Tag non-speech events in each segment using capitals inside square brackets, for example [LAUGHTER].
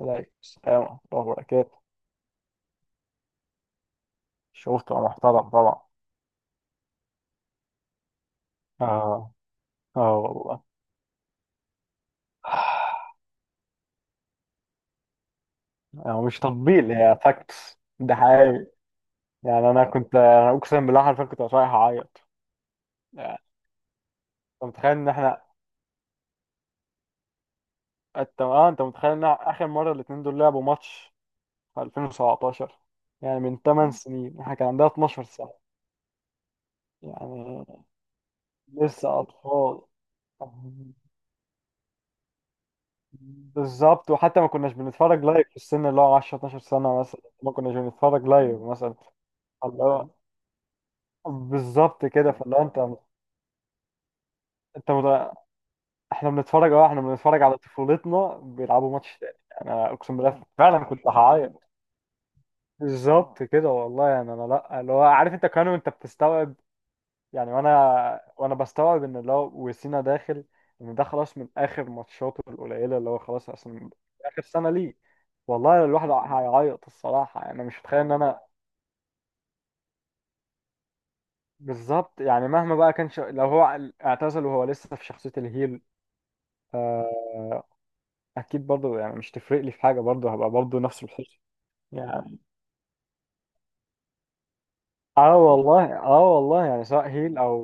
عليكم السلام ورحمة الله وبركاته. شوف تبقى محترم طبعا. اه. اه والله. يعني مش تطبيل، هي فاكتس، ده حقيقي. يعني انا كنت أنا اقسم بالله حرفيا كنت رايح اعيط. يعني انت متخيل ان احنا، انت متخيل ان اخر مره الاثنين دول لعبوا ماتش في 2017؟ يعني من 8 سنين احنا كان عندنا 12 سنه. يعني لسه اطفال. بالظبط، وحتى ما كناش بنتفرج لايف في السن اللي هو 10 12 سنه مثلا، ما كناش بنتفرج لايف مثلا. اللي هو بالظبط كده، فاللي هو انت، انت مت... احنا بنتفرج، اه احنا بنتفرج على طفولتنا بيلعبوا ماتش تاني. انا اقسم بالله فعلا كنت هعيط. بالظبط كده والله. يعني انا، لا اللي هو عارف انت، كمان وانت بتستوعب، يعني وانا بستوعب ان اللي هو وسينا داخل، ان ده خلاص من اخر ماتشاته القليله، اللي هو خلاص اصلا. اخر سنه ليه. والله الواحد هيعيط الصراحه. يعني انا مش متخيل ان انا، بالظبط. يعني مهما بقى كان لو هو اعتزل وهو لسه في شخصيه الهيل، اكيد برضو. يعني مش تفرق لي في حاجه، برضو هبقى برضو نفس الحسن يعني. اه والله، اه والله. يعني سواء هيل او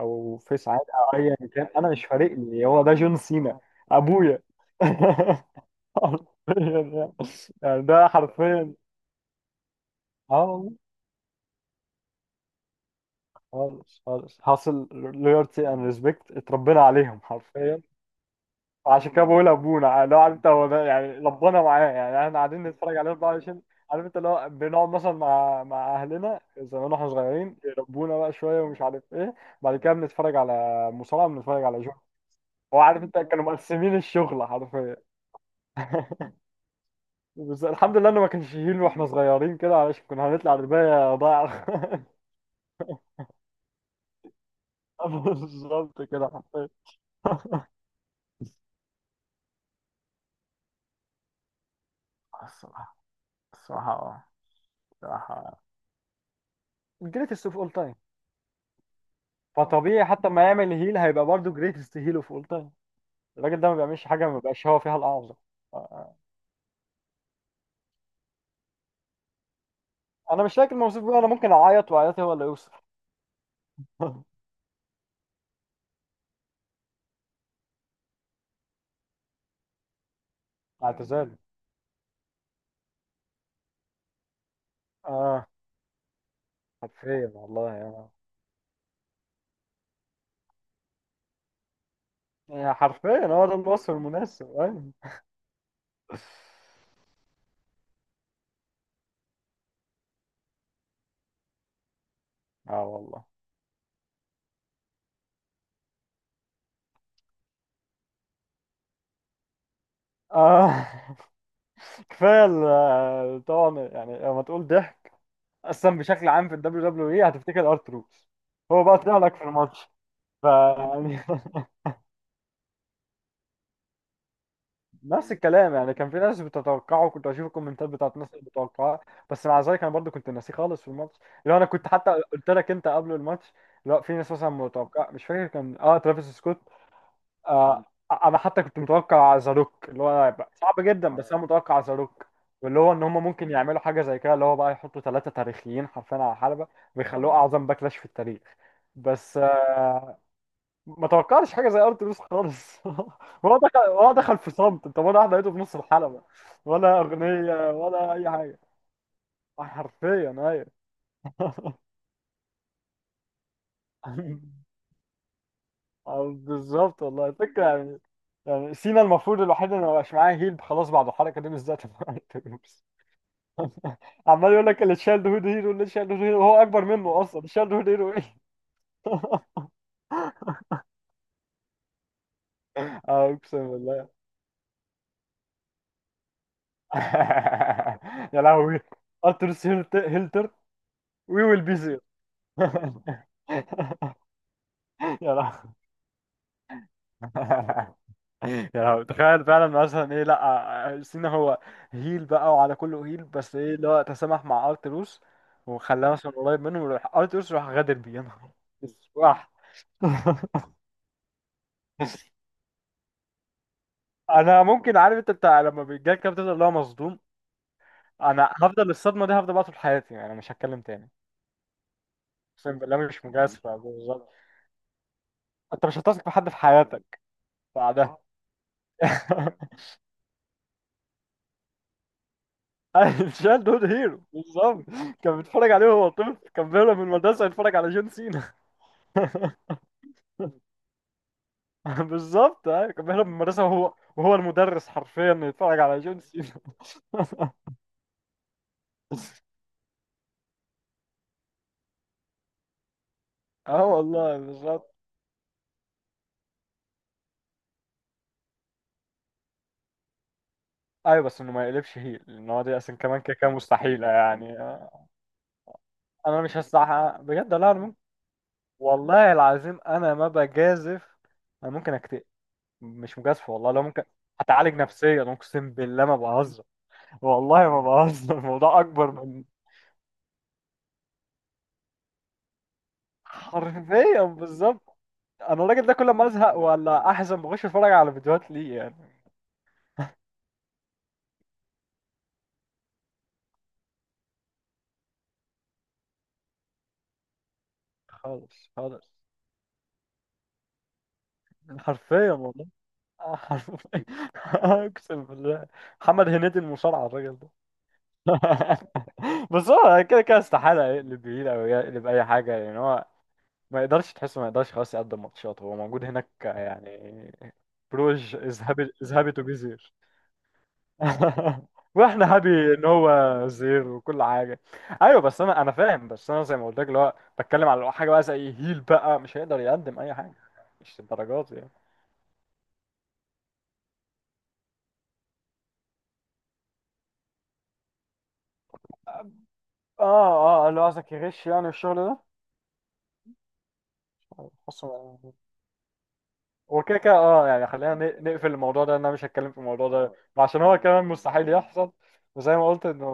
او فيس عادي او ايا كان، انا مش فارق لي، هو ده جون سينا. ابويا. [LAUGHS] حرفيا يعني، يعني ده حرفيا. اه والله. خالص خالص، حاصل لويالتي اند ريسبكت، اتربينا عليهم حرفيا. عشان كده بقول ابونا اللي هو عارف انت هو ده. يعني ربنا معاه، يعني احنا قاعدين نتفرج عليه 24. عارف انت، اللي هو بنقعد مثلا مع اهلنا زمان واحنا صغيرين، يربونا بقى شويه ومش عارف ايه، بعد كده بنتفرج على مصارعه، بنتفرج على جون. هو عارف انت، كانوا مقسمين الشغل حرفيا. [LAUGHS] بس الحمد لله انه ما كانش يهين واحنا صغيرين كده، علشان كنا هنطلع رباية ضايع. [LAUGHS] بالظبط كده حرفيا. [LAUGHS] الصراحه، الصراحه اه. الصراحه جريتست اوف اول تايم. فطبيعي حتى ما يعمل هيل هيبقى برضه جريتست هيل اوف اول تايم. الراجل ده ما بيعملش حاجه ما بيبقاش هو فيها الاعظم. آه. آه. انا مش لكن موصوف بيه. انا ممكن اعيط، وعياطي هو اللي يوصل. [LAUGHS] اعتزال. اه حرفيا والله يعني. يعني حرفيا هو ده الوصف المناسب، أيوة. [LAUGHS] اه والله. آه. [LAUGHS] طبعا يعني لما تقول ضحك، اصلا بشكل عام في الدبليو دبليو اي هتفتكر ارتروس. هو بقى طلع لك في الماتش، فيعني [LAUGHS] نفس الكلام يعني، كان في ناس بتتوقعه، كنت اشوف الكومنتات بتاعت الناس اللي بتتوقعه. بس مع ذلك انا برضو كنت ناسيه خالص في الماتش. لو انا كنت حتى قلت لك انت قبل الماتش، لا في ناس مثلا متوقع، مش فاكر كان اه ترافيس سكوت. آه. انا حتى كنت متوقع ذا روك، اللي هو هيبقى صعب جدا، بس انا متوقع ذا روك، واللي هو ان هم ممكن يعملوا حاجه زي كده، اللي هو بقى يحطوا ثلاثه تاريخيين حرفيا على حلبه، ويخلوه اعظم باكلاش في التاريخ. بس ما توقعش حاجه زي ارتلوس خالص. [LAUGHS] ولا دخل، في صمت انت، ولا واحد لقيته في نص الحلبه، ولا اغنيه ولا اي حاجه. آه، حرفيا ايوه. [LAUGHS] أو بالظبط والله، الفكره يعني. يعني سينا المفروض الوحيد اللي ما بقاش معاه هيل خلاص بعد الحركه دي بالذات [LAUGHS] مع ارتلوس. عمال يقول لك اللي شال هود هيرو، اللي شال هود هيرو هو اكبر منه اصلا، شال هود هيرو ايه. [LAUGHS] اقسم بالله. [LAUGHS] يا لهوي. ارتلوس هيل تيرت، وي ويل بي زير. [LAUGHS] يا لهوي. [LAUGHS] يا لهوي، تخيل فعلا، مثلا ايه، لا سينا هو هيل بقى وعلى كله هيل، بس ايه اللي هو تسامح مع ارتروس وخلاه مثلا قريب منه، وراح ارتروس راح غادر بيه، يا نهار اسود. [LAUGHS] انا ممكن عارف انت بتاع، لما بيجيلك كده بتفضل اللي هو مصدوم، انا هفضل الصدمه دي، هفضل بقى طول حياتي. يعني انا مش هتكلم تاني. اقسم بالله مش مجازفه. [LAUGHS] بالظبط. انت مش هتثق في حد في حياتك بعدها. [LAUGHS] شال دود هيرو بالظبط. كان بيتفرج عليه وهو طفل، كان بيهرب من المدرسه يتفرج على جون سينا. [LAUGHS] [LAUGHS] بالظبط ايوه، كان بيهرب من المدرسه وهو المدرس حرفيا يتفرج على جون سينا. [LAUGHS] اه والله بالظبط. ايوه بس انه ما يقلبش هيل، لان هو دي اصلا كمان كده كده مستحيله يعني. آه، انا مش هستحق بجد. لا انا ممكن، والله العظيم انا ما بجازف، انا ممكن اكتئب. مش مجازفه والله، لو ممكن هتعالج نفسيا، اقسم بالله ما بهزر، والله ما بهزر. [LAUGHS] الموضوع اكبر من، حرفيا بالظبط. انا الراجل ده كل ما ازهق ولا احزن بخش اتفرج على فيديوهات ليه يعني. خالص خالص. حرفيا والله. آه، حرفيا. [LAUGHS] اقسم بالله. محمد هنيدي المصارعه الراجل ده. [LAUGHS] بس هو كده كده استحاله يقلب يمين او يقلب اي حاجه يعني. هو ما يقدرش تحسه، ما يقدرش خلاص يقدم ماتشات، هو موجود هناك يعني. بروج از هابي، از هابي تو بي زير. [LAUGHS] واحنا هابي ان هو زير وكل حاجه. ايوه بس انا فاهم، بس انا زي ما قلت لك، اللي هو بتكلم على حاجه بقى زي هيل، بقى مش هيقدر يقدم اي حاجه، مش الدرجات يعني. اه اه، اللي هو قصدك يغش يعني الشغل ده. حاسه. وكده كده اه يعني، خلينا نقفل الموضوع ده، إن انا مش هتكلم في الموضوع ده، عشان هو كمان مستحيل يحصل. وزي ما قلت انه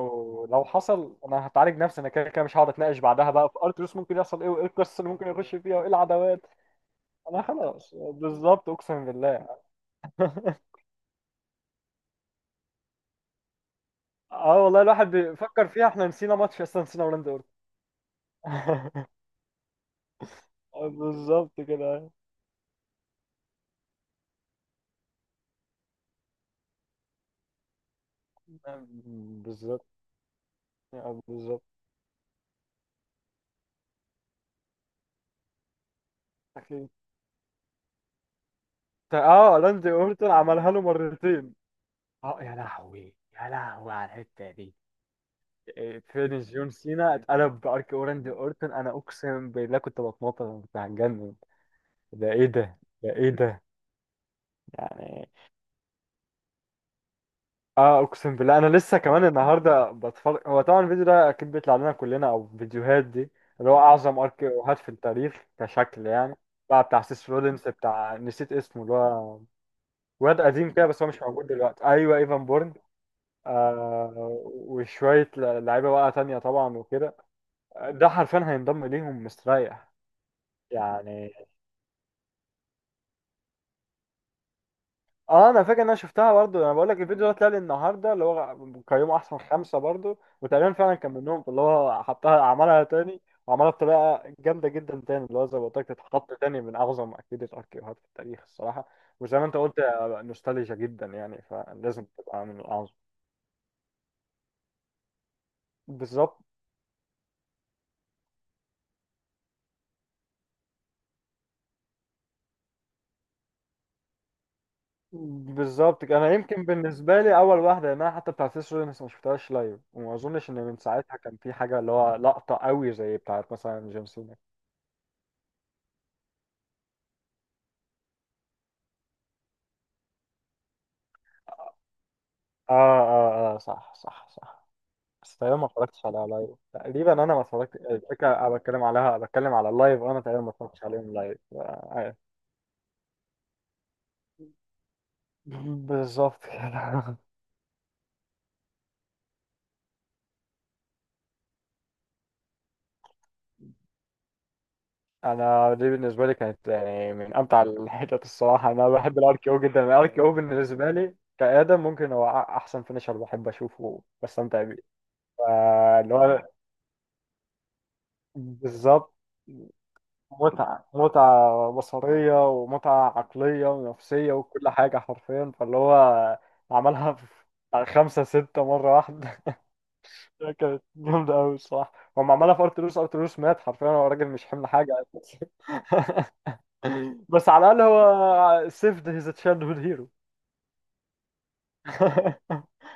لو حصل انا هتعالج نفسي. انا كده كده مش هقعد اتناقش بعدها بقى في ارتلوس ممكن يحصل ايه، وايه القصه اللي ممكن يخش فيها، وايه العداوات. انا خلاص بالظبط اقسم بالله. [LAUGHS] اه والله الواحد بيفكر فيها. احنا نسينا ماتش اصلا، نسينا هولندا أورجواي. [LAUGHS] بالظبط كده. بالظبط. بالظبط. اه راندي اورتون عملها له مرتين. اه يا لهوي، يا لهوي على الحته دي. إيه، فينيش جون سينا اتقلب بارك راندي اورتون. انا اقسم بالله كنت بتنطط، أنا كنت هتجنن. ده ايه ده، ده ايه ده يعني. اه اقسم بالله، انا لسه كمان النهارده بتفرج. هو طبعا الفيديو ده اكيد بيطلع لنا كلنا او فيديوهات دي اللي هو اعظم ارك اوهات في التاريخ كشكل يعني. بقى بتاع سيس رولينز، بتاع نسيت اسمه اللي هو واد قديم كده بس هو مش موجود دلوقتي، ايوه ايفان بورن. آه، وشوية لعيبة بقى تانية طبعا وكده. ده حرفيا هينضم ليهم مستريح يعني. اه انا فاكر ان انا شفتها برضو. انا بقول لك الفيديو ده طلع لي النهارده اللي هو قيموا احسن خمسه، برضو وتقريبا فعلا كان منهم اللي هو حطها، عملها تاني وعملها بطريقه جامده جدا تاني، اللي هو زي ما قلت لك تتحط تاني من اعظم اكيد الاركيوهات في التاريخ الصراحه. وزي ما انت قلت آه، نوستالجيا جدا يعني، فلازم تبقى من الاعظم. بالظبط. بالظبط كده. انا يمكن بالنسبه لي اول واحده يعني، انا حتى بتاعت سيس رولينز ما شفتهاش لايف، وما اظنش ان من ساعتها كان في حاجه اللي هو لقطه قوي زي بتاعت مثلا جون سينا. اه اه اه، صح صح صح. بس تقريبا ما اتفرجتش عليها لايف تقريبا، انا ما اتفرجت، الفكره انا بتكلم عليها بتكلم على اللايف، انا تقريبا ما اتفرجتش عليهم لايف آه. بالظبط كده. [LAUGHS] انا دي بالنسبه لي كانت يعني من امتع الحتت الصراحه. انا بحب الار كي او جدا، الار كي او بالنسبه لي كادم، ممكن هو احسن فينيشر بحب اشوفه بستمتع بيه. فا اللي هو بالظبط. متعه، متعه بصريه ومتعه عقليه ونفسيه وكل حاجه حرفيا. فاللي هو عملها في بتاع خمسة ستة مرة واحدة. [LAUGHS] كانت جامدة أوي الصراحة. هم عملها في أرتلوس، أرتلوس مات حرفيا، هو راجل مش حمل حاجة. [LAUGHS] بس على الاقل هو saved his childhood hero. [LAUGHS]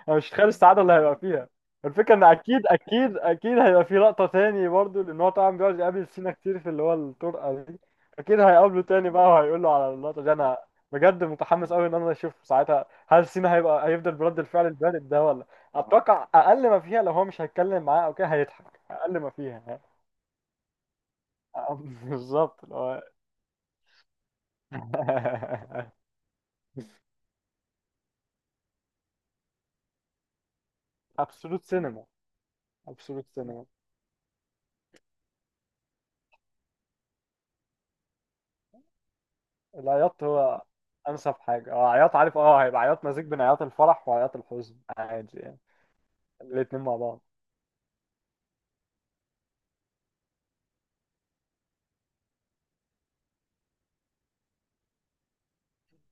انا مش متخيل السعاده اللي هيبقى فيها. الفكره ان اكيد اكيد اكيد هيبقى في لقطه تاني برضه، لان هو طبعا بيقعد يقابل سينا كتير في اللي هو الطرقه دي. اكيد هيقابله تاني بقى وهيقول له على اللقطه دي. انا بجد متحمس قوي ان انا اشوف ساعتها هل سينا هيبقى، هيفضل برد الفعل البارد ده ولا، اتوقع اقل ما فيها لو هو مش هيتكلم معاه او كده هيضحك اقل ما فيها يعني. [LAUGHS] بالظبط اللي هو. [LAUGHS] absolute cinema. absolute cinema. العياط هو انسب حاجه. اه عياط عارف، اه هيبقى عياط مزيج بين عياط الفرح وعياط الحزن عادي يعني، الاتنين مع بعض.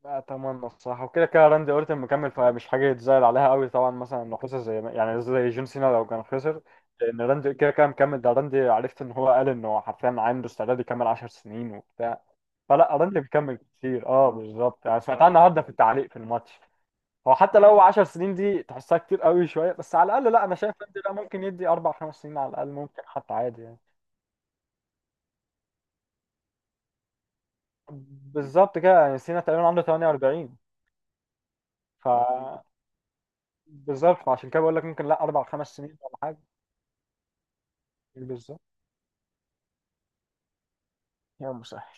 لا، اتمنى الصراحه. وكده كده راندي اورتن مكمل، فمش حاجه يتزعل عليها قوي طبعا، مثلا انه خسر زي يعني زي جون سينا لو كان خسر. لان راندي كده كده مكمل، ده راندي عرفت ان هو قال انه حرفيا عنده استعداد يكمل 10 سنين وبتاع. فلا راندي مكمل كتير. اه بالظبط، انا سمعتها النهارده في التعليق في الماتش. هو حتى لو 10 سنين دي تحسها كتير قوي شويه، بس على الاقل، لا انا شايف إن لا ممكن يدي اربع خمس سنين على الاقل، ممكن حتى عادي يعني. بالظبط كده يعني، سينا تقريبا عنده 48. ف بالظبط، فعشان كده بقول لك ممكن لا اربع خمس سنين ولا حاجه. بالظبط. يا مسهل.